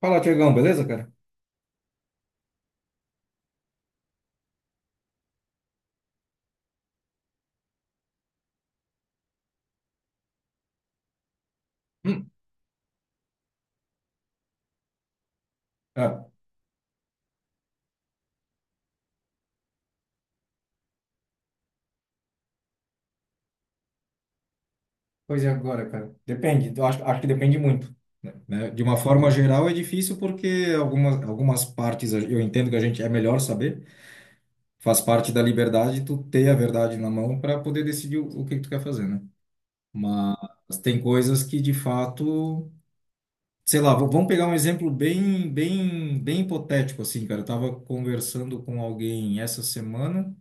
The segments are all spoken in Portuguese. Fala, Tiagão, beleza, cara? Hum, ah, pois é, agora, cara. Depende, eu acho, que depende muito. Né? De uma forma geral é difícil porque algumas partes eu entendo que a gente é melhor saber, faz parte da liberdade tu ter a verdade na mão para poder decidir o que que tu quer fazer, né? Mas tem coisas que, de fato, sei lá, vamos pegar um exemplo bem, bem, bem hipotético, assim, cara. Eu tava conversando com alguém essa semana.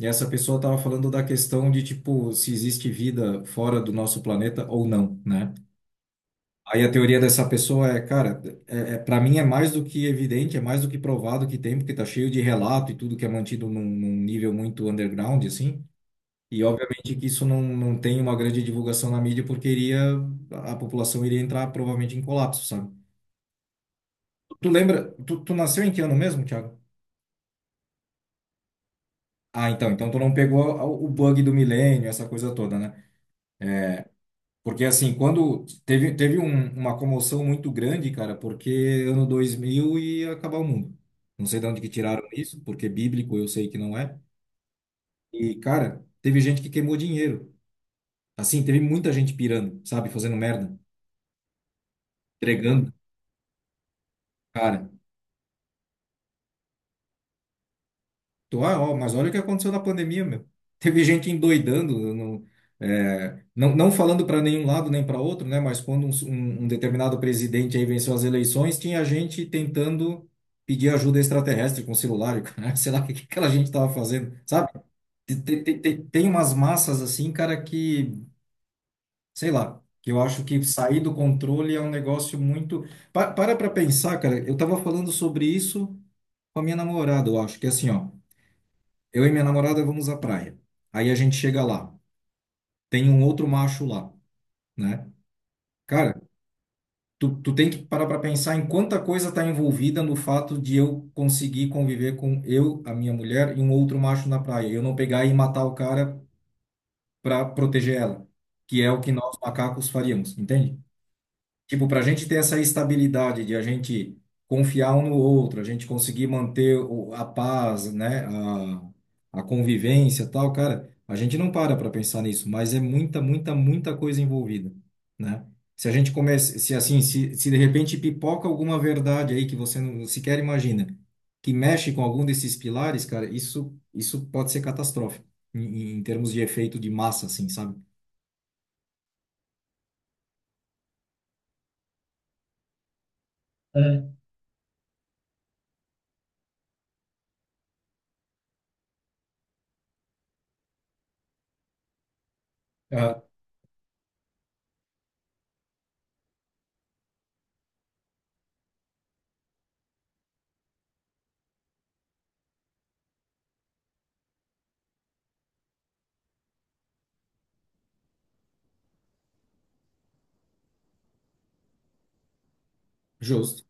E essa pessoa estava falando da questão de, tipo, se existe vida fora do nosso planeta ou não, né? Aí a teoria dessa pessoa é, cara, para mim é mais do que evidente, é mais do que provado que tem, porque tá cheio de relato e tudo que é mantido num nível muito underground, assim. E obviamente que isso não, não tem uma grande divulgação na mídia, porque a população iria entrar provavelmente em colapso, sabe? Tu lembra, tu nasceu em que ano mesmo, Thiago? Ah, então tu não pegou o bug do milênio, essa coisa toda, né? Porque, assim, quando teve uma comoção muito grande, cara, porque ano 2000 ia acabar o mundo. Não sei de onde que tiraram isso, porque bíblico eu sei que não é. E, cara, teve gente que queimou dinheiro. Assim, teve muita gente pirando, sabe, fazendo merda, entregando, cara. Ah, ó, mas olha o que aconteceu na pandemia, meu. Teve gente endoidando, não, é, não, não falando para nenhum lado nem para outro, né? Mas quando um determinado presidente aí venceu as eleições, tinha gente tentando pedir ajuda extraterrestre com celular, e o cara, sei lá o que que aquela gente estava fazendo, sabe? Tem umas massas assim, cara, que, sei lá, que eu acho que sair do controle é um negócio muito. Para pra pensar, cara, eu tava falando sobre isso com a minha namorada, eu acho, que é assim, ó. Eu e minha namorada vamos à praia. Aí a gente chega lá, tem um outro macho lá, né? Cara, tu tem que parar para pensar em quanta coisa está envolvida no fato de eu conseguir conviver com eu, a minha mulher e um outro macho na praia. Eu não pegar e matar o cara para proteger ela, que é o que nós macacos faríamos, entende? Tipo, para a gente ter essa estabilidade de a gente confiar um no outro, a gente conseguir manter a paz, né, a convivência e tal, cara, a gente não para para pensar nisso, mas é muita, muita, muita coisa envolvida, né? Se a gente começa, se assim, se de repente pipoca alguma verdade aí que você não sequer imagina, que mexe com algum desses pilares, cara, isso pode ser catastrófico em termos de efeito de massa, assim, sabe? É. Ah, justo.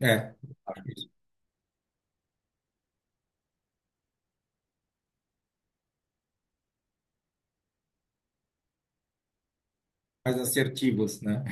É, mais assertivos, né?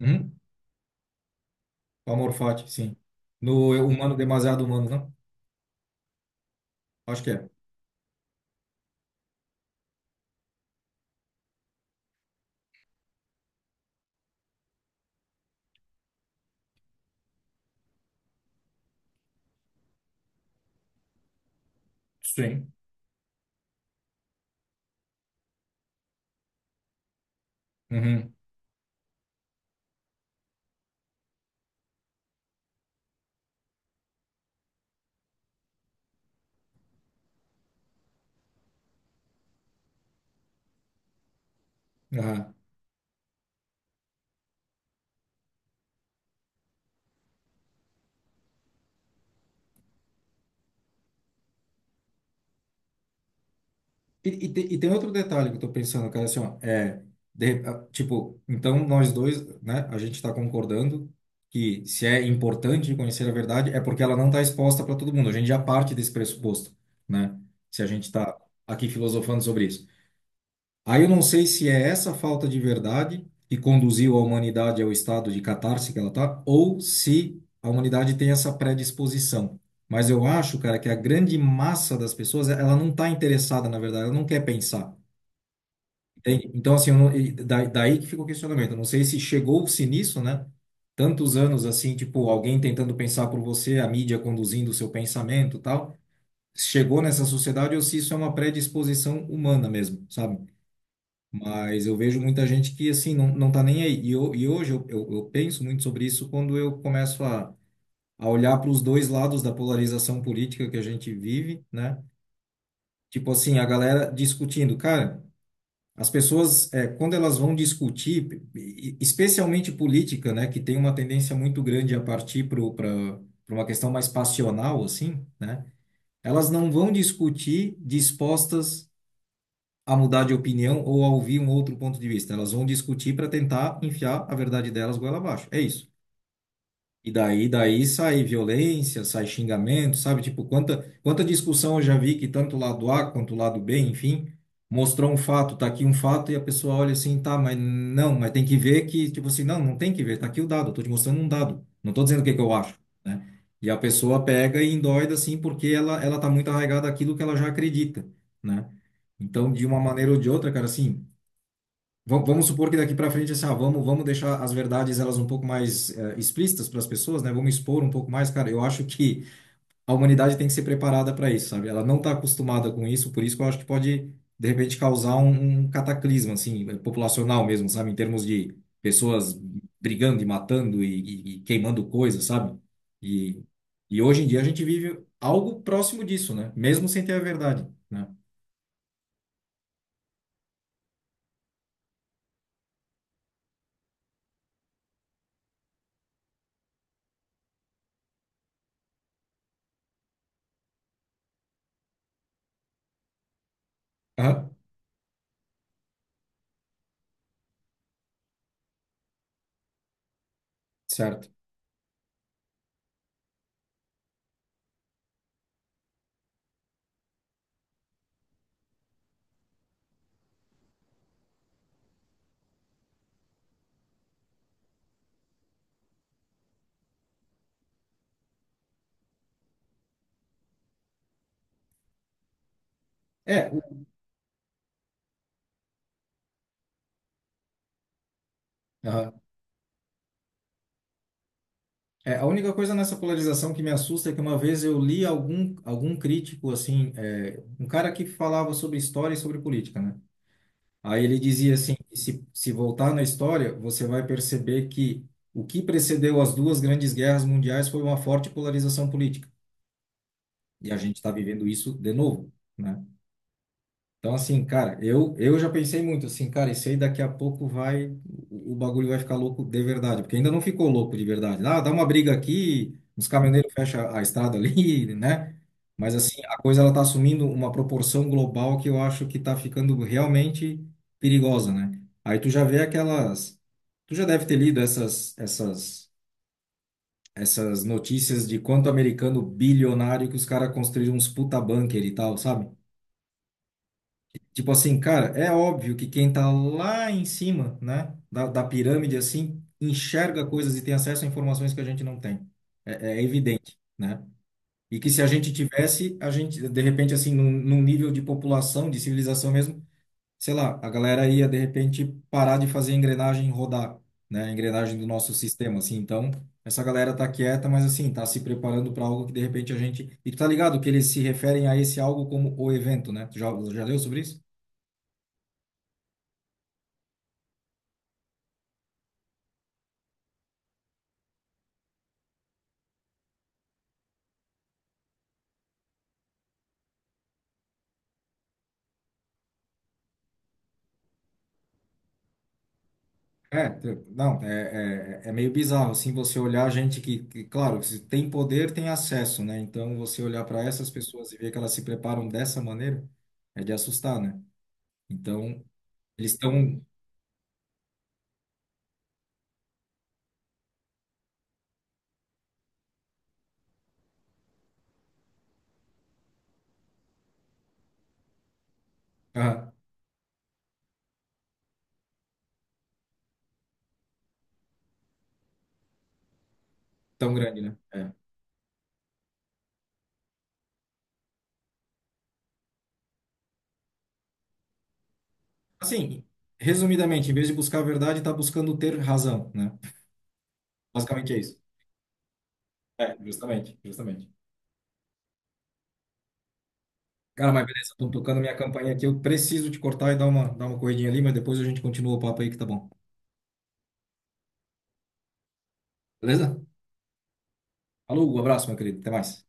Uhum. Palmar fati, sim. No humano, demasiado humano, não? Acho que é. Sim. Uhum. Aham. E tem outro detalhe que eu tô pensando, cara, assim, ó, é, ah, tipo, então nós dois, né, a gente tá concordando que se é importante conhecer a verdade é porque ela não tá exposta para todo mundo. A gente já parte desse pressuposto, né? Se a gente tá aqui filosofando sobre isso. Aí eu não sei se é essa falta de verdade que conduziu a humanidade ao estado de catarse que ela está, ou se a humanidade tem essa predisposição. Mas eu acho, cara, que a grande massa das pessoas, ela não está interessada, na verdade, ela não quer pensar. Entende? Então, assim, eu não, e daí que fica o questionamento. Eu não sei se chegou-se nisso, né? Tantos anos, assim, tipo, alguém tentando pensar por você, a mídia conduzindo o seu pensamento e tal. Chegou nessa sociedade ou se isso é uma predisposição humana mesmo, sabe? Mas eu vejo muita gente que, assim, não, não tá nem aí. E, hoje eu penso muito sobre isso quando eu começo a olhar para os dois lados da polarização política que a gente vive, né? Tipo assim, a galera discutindo. Cara, as pessoas, é, quando elas vão discutir, especialmente política, né? Que tem uma tendência muito grande a partir para uma questão mais passional, assim, né? Elas não vão discutir dispostas a mudar de opinião ou a ouvir um outro ponto de vista. Elas vão discutir para tentar enfiar a verdade delas goela abaixo. É isso. E daí sai violência, sai xingamento, sabe? Tipo, quanta discussão eu já vi que tanto o lado A quanto o lado B, enfim, mostrou um fato, tá aqui um fato, e a pessoa olha assim, tá, mas não, mas tem que ver que, tipo assim, não, não tem que ver, tá aqui o dado, eu tô te mostrando um dado, não tô dizendo o que que eu acho, né? E a pessoa pega e endoida, assim, porque ela tá muito arraigada àquilo que ela já acredita, né? Então, de uma maneira ou de outra, cara, assim, vamos supor que daqui para frente, assim, ah, vamos deixar as verdades elas um pouco mais explícitas para as pessoas, né? Vamos expor um pouco mais, cara. Eu acho que a humanidade tem que ser preparada para isso, sabe? Ela não está acostumada com isso, por isso que eu acho que pode, de repente, causar um cataclisma, assim, populacional mesmo, sabe? Em termos de pessoas brigando e matando e queimando coisas, sabe? E, e hoje em dia a gente vive algo próximo disso, né? Mesmo sem ter a verdade, né? Aham, certo. É, aham. É, a única coisa nessa polarização que me assusta é que uma vez eu li algum crítico, assim, é, um cara que falava sobre história e sobre política, né? Aí ele dizia assim, que se voltar na história, você vai perceber que o que precedeu as duas grandes guerras mundiais foi uma forte polarização política. E a gente está vivendo isso de novo, né? Então, assim, cara, eu já pensei muito, assim, cara, isso aí daqui a pouco vai, o bagulho vai ficar louco de verdade, porque ainda não ficou louco de verdade. Ah, dá uma briga aqui, os caminhoneiros fecham a estrada ali, né? Mas, assim, a coisa ela tá assumindo uma proporção global que eu acho que tá ficando realmente perigosa, né? Aí tu já vê aquelas, tu já deve ter lido essas notícias de quanto americano bilionário que os caras construíram uns puta bunker e tal, sabe? Tipo assim, cara, é óbvio que quem tá lá em cima, né, da pirâmide, assim, enxerga coisas e tem acesso a informações que a gente não tem. É, evidente, né? E que se a gente tivesse, a gente, de repente, assim, num nível de população, de civilização mesmo, sei lá, a galera ia, de repente, parar de fazer a engrenagem rodar, né? A engrenagem do nosso sistema, assim. Então, essa galera tá quieta, mas, assim, tá se preparando para algo que, de repente, a gente... E tu tá ligado que eles se referem a esse algo como o evento, né? Tu já leu sobre isso? É, não, é meio bizarro, assim, você olhar gente que, claro, se tem poder, tem acesso, né? Então, você olhar para essas pessoas e ver que elas se preparam dessa maneira, é de assustar, né? Então, eles estão ah, tão grande, né? É. Assim, resumidamente, em vez de buscar a verdade, está buscando ter razão, né? Basicamente é isso. É, justamente, justamente. Cara, mas beleza, estão tocando minha campanha aqui, eu preciso te cortar e dar uma corridinha ali, mas depois a gente continua o papo aí que tá bom. Beleza? Falou, um abraço, meu querido, até mais.